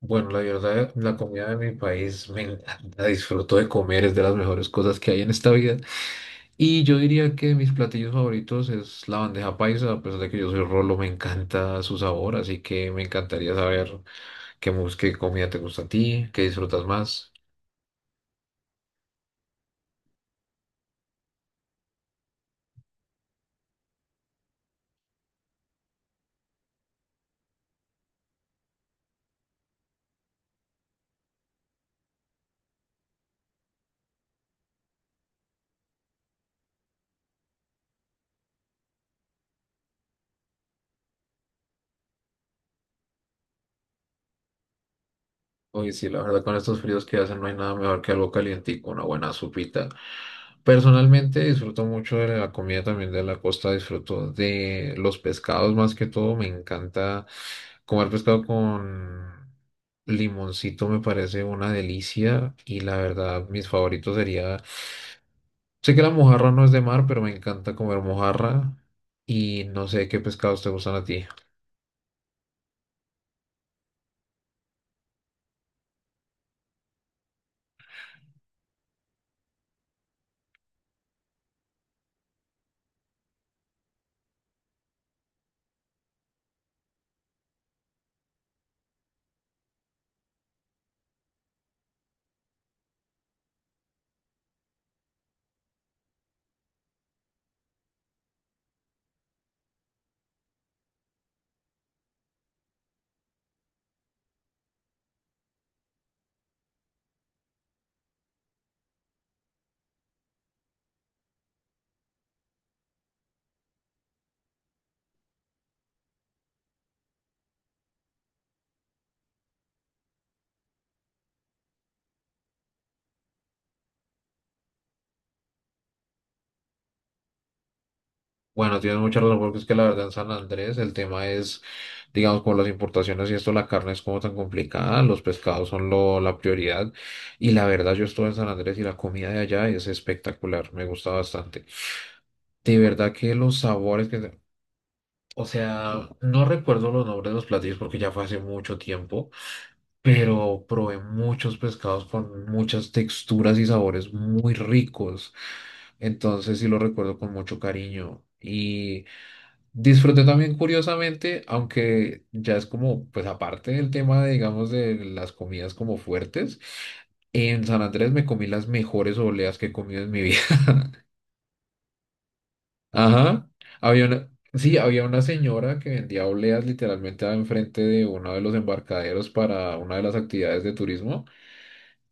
Bueno, la verdad, la comida de mi país me encanta, disfruto de comer, es de las mejores cosas que hay en esta vida. Y yo diría que mis platillos favoritos es la bandeja paisa, a pesar de que yo soy rolo, me encanta su sabor, así que me encantaría saber qué, qué comida te gusta a ti, qué disfrutas más. Oye, sí, la verdad con estos fríos que hacen no hay nada mejor que algo calientico, una buena sopita. Personalmente disfruto mucho de la comida también de la costa, disfruto de los pescados más que todo, me encanta comer pescado con limoncito, me parece una delicia y la verdad mis favoritos sería, sé que la mojarra no es de mar, pero me encanta comer mojarra y no sé qué pescados te gustan a ti. Bueno, tienes mucha razón, porque es que la verdad en San Andrés el tema es, digamos, con las importaciones y esto, la carne es como tan complicada, los pescados son lo, la prioridad. Y la verdad, yo estuve en San Andrés y la comida de allá es espectacular, me gusta bastante. De verdad que los sabores que... O sea, no recuerdo los nombres de los platillos porque ya fue hace mucho tiempo, pero probé muchos pescados con muchas texturas y sabores muy ricos. Entonces sí lo recuerdo con mucho cariño. Disfruté también curiosamente, aunque ya es como, pues aparte del tema, de, digamos, de las comidas como fuertes, en San Andrés me comí las mejores obleas que he comido en mi vida. Ajá. Había una, sí, había una señora que vendía obleas literalmente enfrente de uno de los embarcaderos para una de las actividades de turismo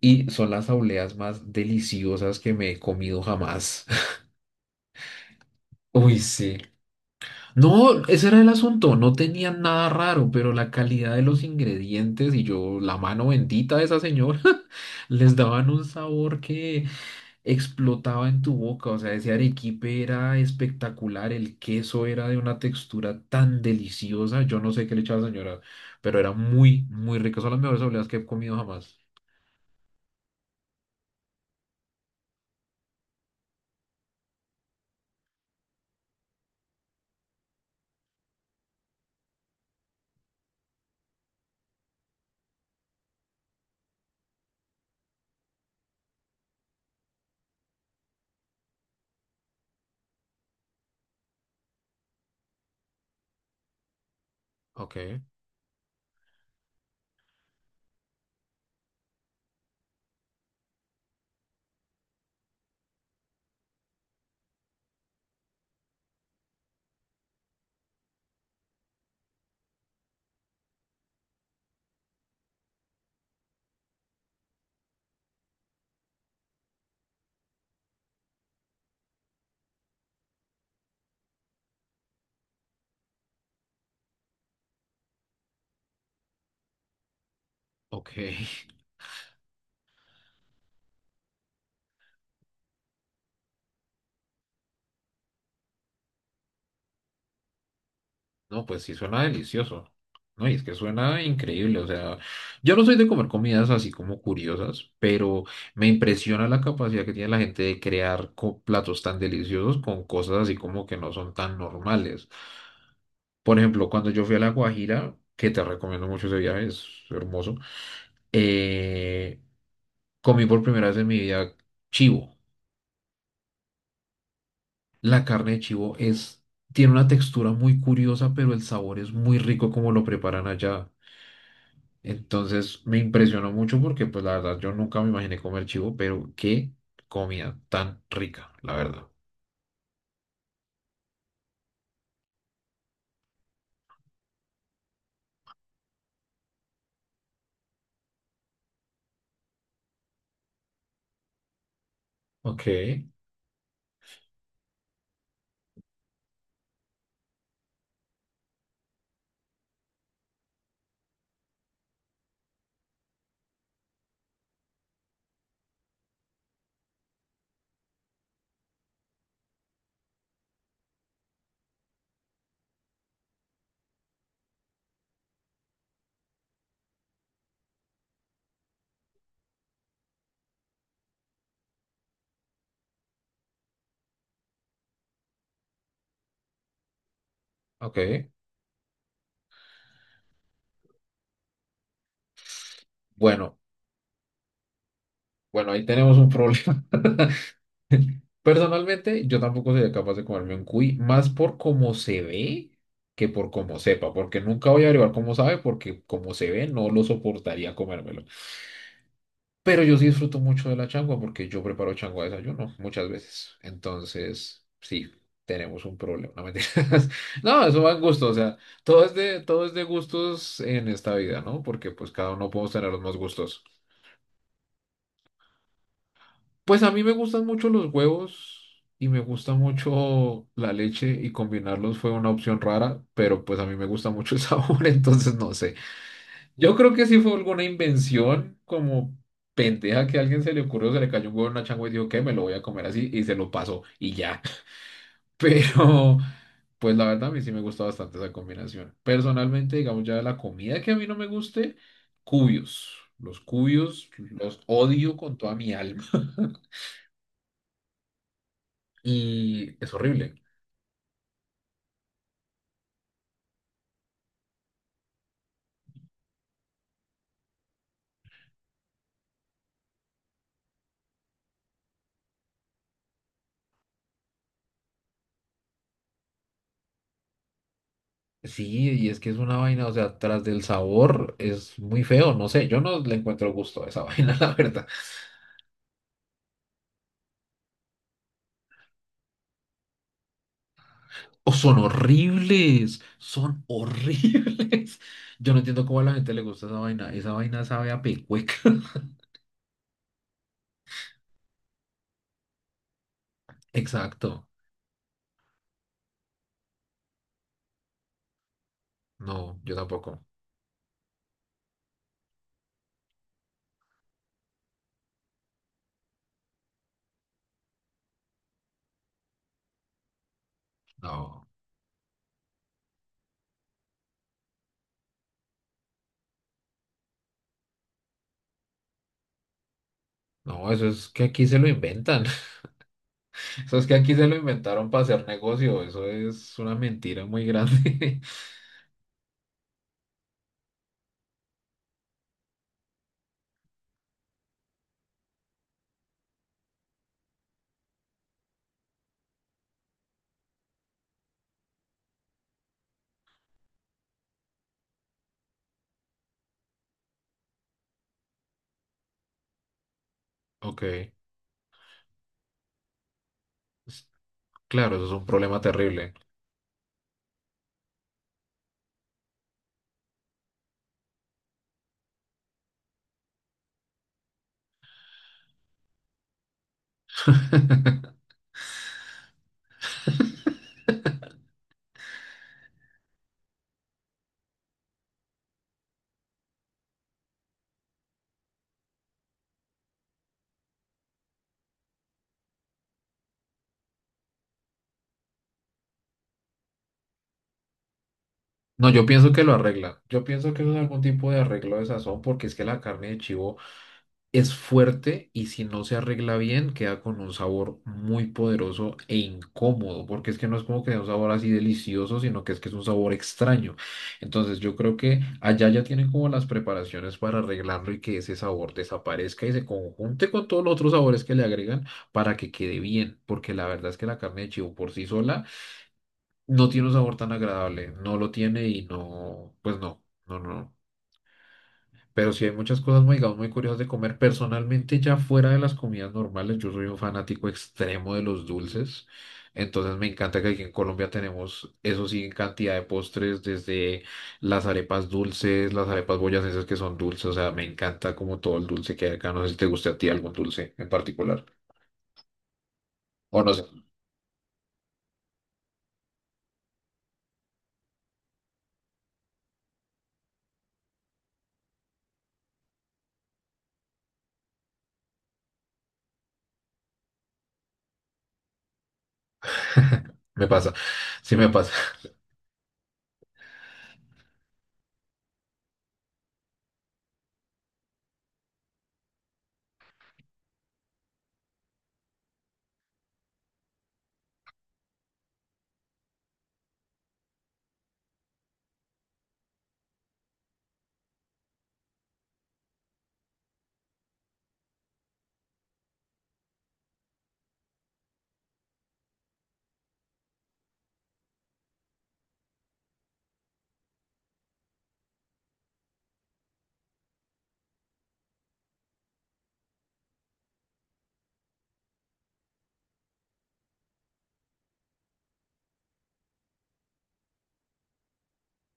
y son las obleas más deliciosas que me he comido jamás. Uy, sí. No, ese era el asunto, no tenían nada raro, pero la calidad de los ingredientes y yo, la mano bendita de esa señora, les daban un sabor que explotaba en tu boca, o sea, ese arequipe era espectacular, el queso era de una textura tan deliciosa, yo no sé qué le echaba la señora, pero era muy, muy rico, son las mejores obleas que he comido jamás. Ok. Ok. No, pues sí suena delicioso. No, y es que suena increíble. O sea, yo no soy de comer comidas así como curiosas, pero me impresiona la capacidad que tiene la gente de crear platos tan deliciosos con cosas así como que no son tan normales. Por ejemplo, cuando yo fui a La Guajira, que te recomiendo mucho ese viaje, es hermoso, eh, comí por primera vez en mi vida chivo. La carne de chivo es, tiene una textura muy curiosa, pero el sabor es muy rico como lo preparan allá. Entonces me impresionó mucho porque pues la verdad yo nunca me imaginé comer chivo, pero qué comida tan rica, la verdad. Ok, ok. Bueno, bueno, ahí tenemos un problema. Personalmente yo tampoco sería capaz de comerme un cuy, más por cómo se ve que por cómo sepa, porque nunca voy a averiguar cómo sabe, porque como se ve no lo soportaría comérmelo. Pero yo sí disfruto mucho de la changua porque yo preparo changua de desayuno muchas veces. Entonces, sí, tenemos un problema. No, mentiras. No, eso va en gusto. O sea, todo es de gustos en esta vida, ¿no? Porque pues cada uno podemos tener los más gustos. Pues a mí me gustan mucho los huevos y me gusta mucho la leche y combinarlos fue una opción rara, pero pues a mí me gusta mucho el sabor, entonces no sé. Yo creo que sí fue alguna invención como pendeja que a alguien se le ocurrió, se le cayó un huevo en una changua y dijo que me lo voy a comer así y se lo pasó y ya. Pero pues la verdad a mí sí me gusta bastante esa combinación. Personalmente, digamos ya la comida que a mí no me guste, cubios. Los cubios los odio con toda mi alma y es horrible. Sí, y es que es una vaina, o sea, tras del sabor es muy feo, no sé, yo no le encuentro gusto a esa vaina, la verdad. O son horribles, son horribles. Yo no entiendo cómo a la gente le gusta esa vaina. Esa vaina sabe a pecueca. Exacto. No, yo tampoco. No, no, eso es que aquí se lo inventan. Eso es que aquí se lo inventaron para hacer negocio. Eso es una mentira muy grande. Ok, s- claro, eso es un problema terrible. No, yo pienso que lo arregla yo pienso que eso es algún tipo de arreglo de sazón porque es que la carne de chivo Es fuerte y si no se arregla bien, queda con un sabor muy poderoso e incómodo, porque es que no es como que sea un sabor así delicioso, sino que es un sabor extraño. Entonces yo creo que allá ya tienen como las preparaciones para arreglarlo y que ese sabor desaparezca y se conjunte con todos los otros sabores que le agregan para que quede bien, porque la verdad es que la carne de chivo por sí sola no tiene un sabor tan agradable, no lo tiene y no, pues no, no, no. Pero sí hay muchas cosas, muy, digamos, muy curiosas de comer. Personalmente, ya fuera de las comidas normales, yo soy un fanático extremo de los dulces. Entonces me encanta que aquí en Colombia tenemos, eso sí, en cantidad de postres, desde las arepas dulces, las arepas boyacenses que son dulces. O sea, me encanta como todo el dulce que hay acá. No sé si te guste a ti algún dulce en particular. O no sé. Me pasa. Sí me pasa.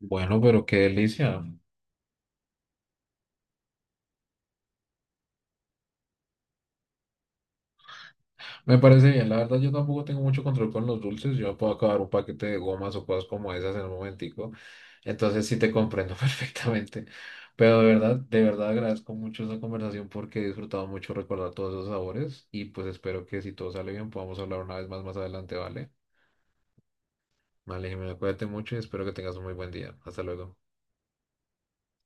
Bueno, pero qué delicia. Me parece bien, la verdad yo tampoco tengo mucho control con los dulces, yo me puedo acabar un paquete de gomas o cosas como esas en un momentico, entonces sí te comprendo perfectamente, pero de verdad agradezco mucho esta conversación porque he disfrutado mucho recordar todos esos sabores y pues espero que si todo sale bien podamos hablar una vez más más adelante, ¿vale? Vale, Jimena, cuídate mucho y espero que tengas un muy buen día, hasta luego.